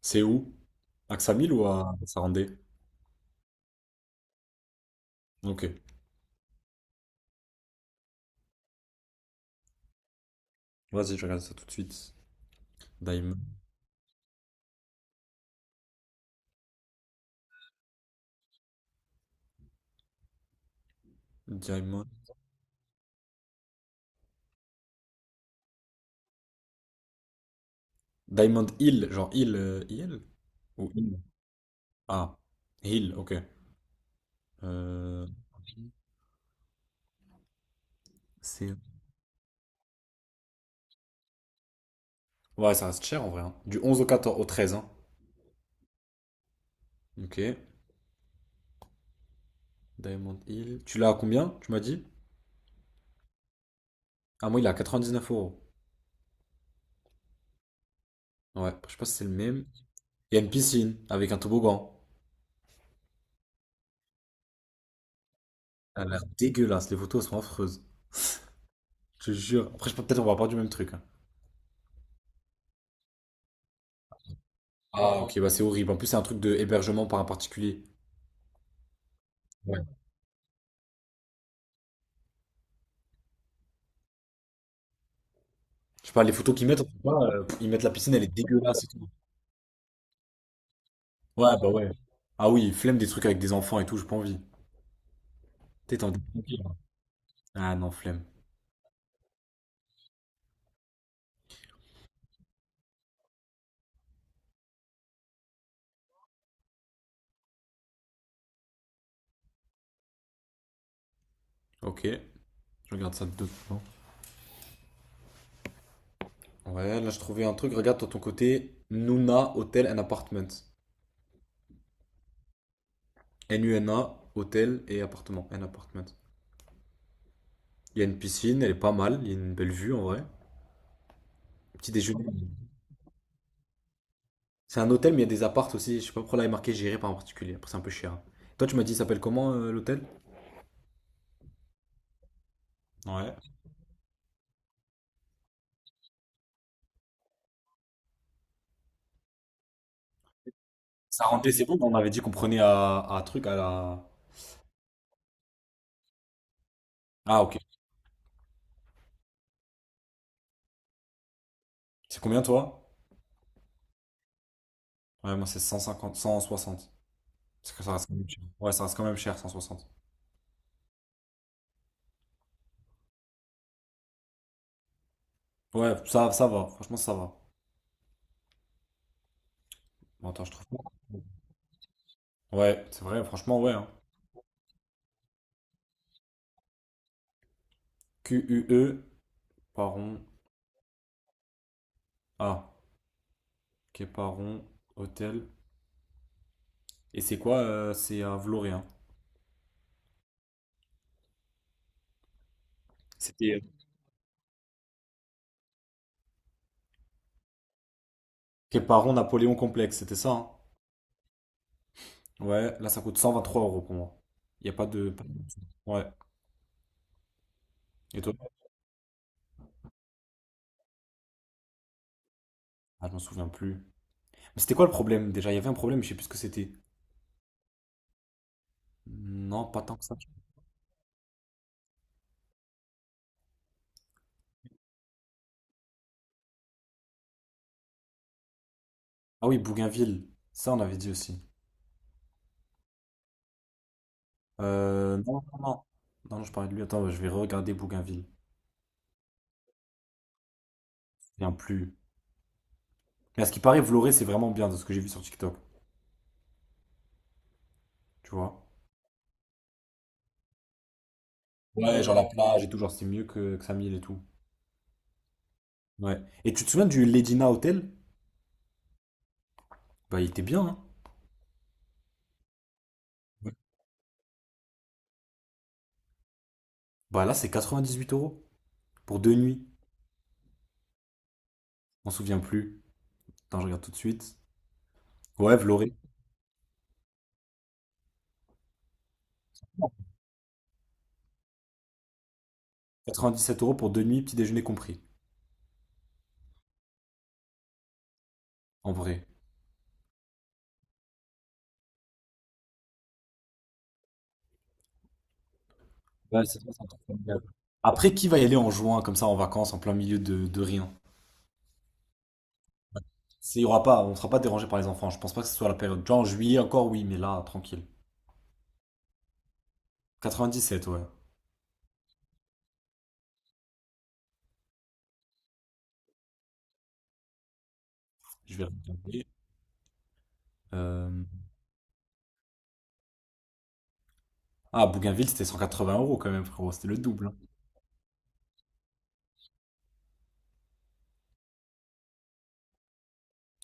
C'est où? À Ksamil ou à Sarandé? Ok. Vas-y, je regarde ça tout de suite. Diamond. Diamond. Diamond Hill, genre Hill, IL? Ou Hill? Ah, Hill, ok. Euh, c'est... Ouais, ça reste cher en vrai, hein. Du 11 au 14, au 13, hein. Ok. Diamond Hill. Tu l'as à combien, tu m'as dit? Ah, moi, il est à 99 euros. Ouais, je sais pas si c'est le même. Il y a une piscine avec un toboggan. Elle a l'air dégueulasse, les photos elles sont affreuses. Je te jure. Après, peut-être on va pas du même truc, hein. Ah, ok, bah c'est horrible. En plus, c'est un truc de hébergement par un particulier. Je sais pas, les photos qu'ils mettent, on sait pas, ils mettent la piscine, elle est dégueulasse et tout. Ouais, bah ouais. Ah oui, flemme des trucs avec des enfants et tout, j'ai pas envie. T'es envie. Ah non, flemme. Ok, je regarde ça de deux plans. Ouais, là je trouvais un truc, regarde de ton côté. Nuna Hotel and Apartment. NUNA, hôtel et appartement. And apartment. Il y a une piscine, elle est pas mal, il y a une belle vue en vrai. Petit déjeuner. C'est un hôtel, mais il y a des appartes aussi. Je sais pas pourquoi là il est marqué géré par un particulier. Après, c'est un peu cher. Toi, tu m'as dit, il s'appelle comment, l'hôtel? Ouais. Ça rentrait, c'est bon, mais on avait dit qu'on prenait à truc à la. Ah, ok. C'est combien toi? Ouais, moi c'est cent 160. Parce que ça reste quand même cher. Ouais, ça reste quand même cher, 160. Ouais, ça va. Franchement, ça va. Bon, attends, je trouve pas. Ouais, c'est vrai, franchement, ouais, hein. QUE Paron, A. Képaron, hôtel. Et c'est quoi? C'est à Vloré, hein. C'était. Képaron, Napoléon Complexe, c'était ça, hein. Ouais, là ça coûte 123 euros pour moi. Il n'y a pas de. Ouais. Et toi? Ah, je m'en souviens plus. Mais c'était quoi le problème déjà? Il y avait un problème, je sais plus ce que c'était. Non, pas tant que ça. Ah oui, Bougainville. Ça, on avait dit aussi. Non, non, non. Non, non, je parlais de lui. Attends, je vais regarder Bougainville. Je me souviens plus. Mais à ce qui paraît, Vloré, c'est vraiment bien de ce que j'ai vu sur TikTok. Tu vois? Ouais, genre la plage et tout, genre c'est mieux que Samil et tout. Ouais. Et tu te souviens du Ledina Hotel? Bah, il était bien, hein? Ouais. Bah là, c'est 98 euros pour deux nuits. On se souvient plus. Attends, je regarde tout de suite. Ouais, Vloré. 7 euros pour deux nuits, petit déjeuner compris. En vrai. Ouais, c'est vrai, c'est un truc familial. Après, qui va y aller en juin, comme ça, en vacances, en plein milieu de rien? Il y aura pas, on sera pas dérangé par les enfants. Je pense pas que ce soit la période. Genre en juillet encore, oui, mais là, tranquille. 97, ouais. Je vais regarder. Euh, Ah, Bougainville, c'était 180 euros quand même, frérot. C'était le double, hein.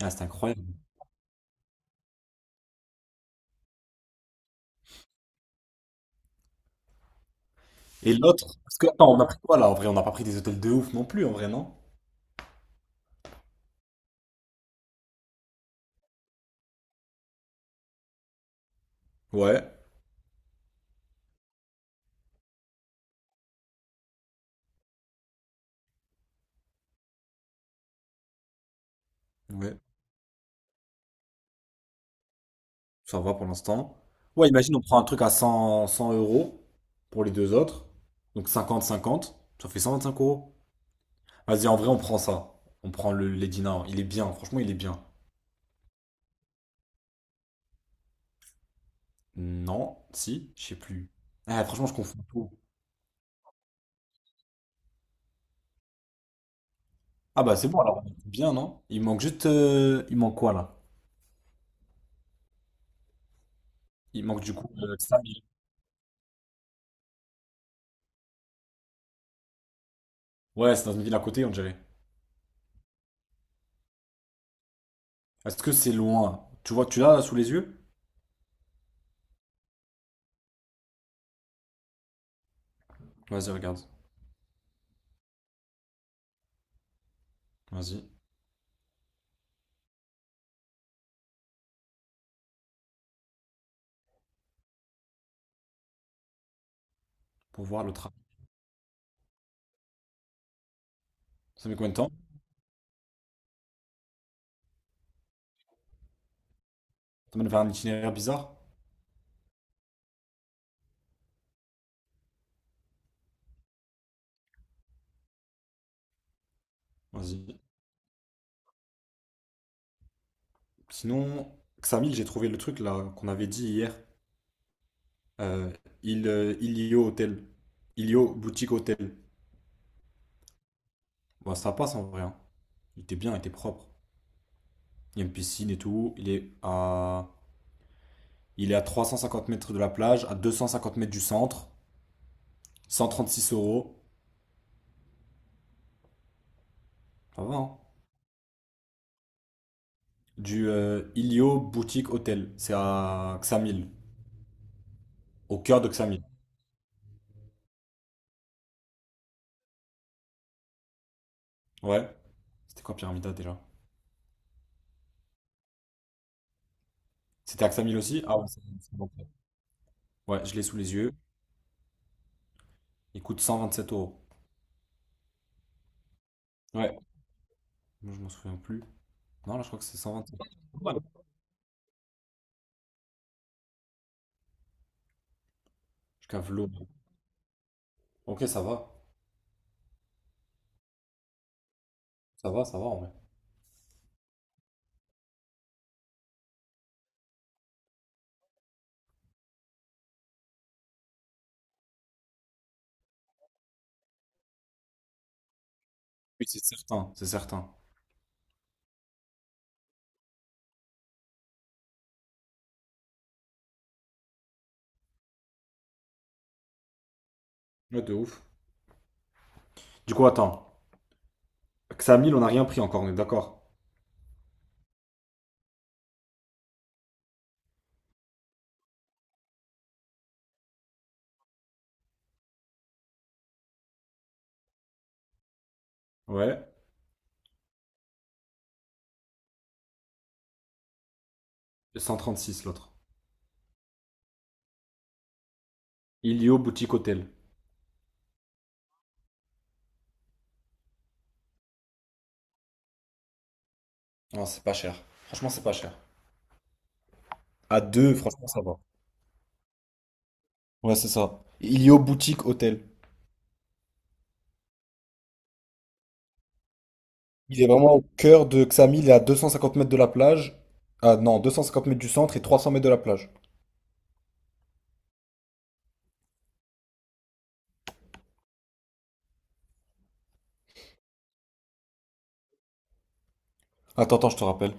Ah, c'était incroyable. Et l'autre, parce que, attends, on a pris quoi là? En vrai, on n'a pas pris des hôtels de ouf non plus, en vrai, non? Ouais, ouais, ça va pour l'instant. Ouais, imagine, on prend un truc à 100 100 euros pour les deux autres. Donc cinquante cinquante, ça fait 125 euros. Vas-y, en vrai, on prend ça. On prend le Lady Now. Il est bien, franchement, il est bien. Non, si, je sais plus. Ah, franchement, je confonds tout. Ah bah c'est bon alors, on est bien, non? Il manque quoi là? Il manque, du coup, Samir. Ouais, c'est dans une ville à côté, on dirait. Est-ce que c'est loin? Tu vois, tu l'as là, sous les yeux? Vas-y, regarde. Vas-y, pour voir le train. Ça met combien de temps? Ça mène vers un itinéraire bizarre? Vas-y. Sinon, Xamil, j'ai trouvé le truc là qu'on avait dit hier. Euh, Ilio Hotel. Ilio Boutique Hotel. Bah, ça passe en vrai, hein. Il était bien, il était propre. Il y a une piscine et tout. Il est à 350 mètres de la plage, à 250 mètres du centre. 136 euros. Ça va, hein. Du Ilio Boutique Hotel. C'est à Xamil. Au cœur de Xamil. Ouais. C'était quoi Pyramida déjà? C'était à Xamil aussi? Ah ouais, c'est bon. Ouais, ouais, je l'ai sous les yeux. Il coûte 127 euros. Ouais. Moi, je m'en souviens plus. Non, là, je crois que c'est 127. Je cave l'eau. Ok, ça va. Ça va, ça va en vrai. Oui, c'est certain, c'est certain. Ouais, de ouf. Du coup, attends. Xamil, on n'a rien pris encore, on est d'accord. Ouais. 136 l'autre. Ilio Boutique Hotel. Non, c'est pas cher. Franchement, c'est pas cher. À deux, franchement, ça va. Ouais, c'est ça. Ilio Boutique Hôtel. Il est vraiment au cœur de Xamil, il est à 250 mètres de la plage. Ah non, 250 mètres du centre et 300 mètres de la plage. Attends, attends, je te rappelle.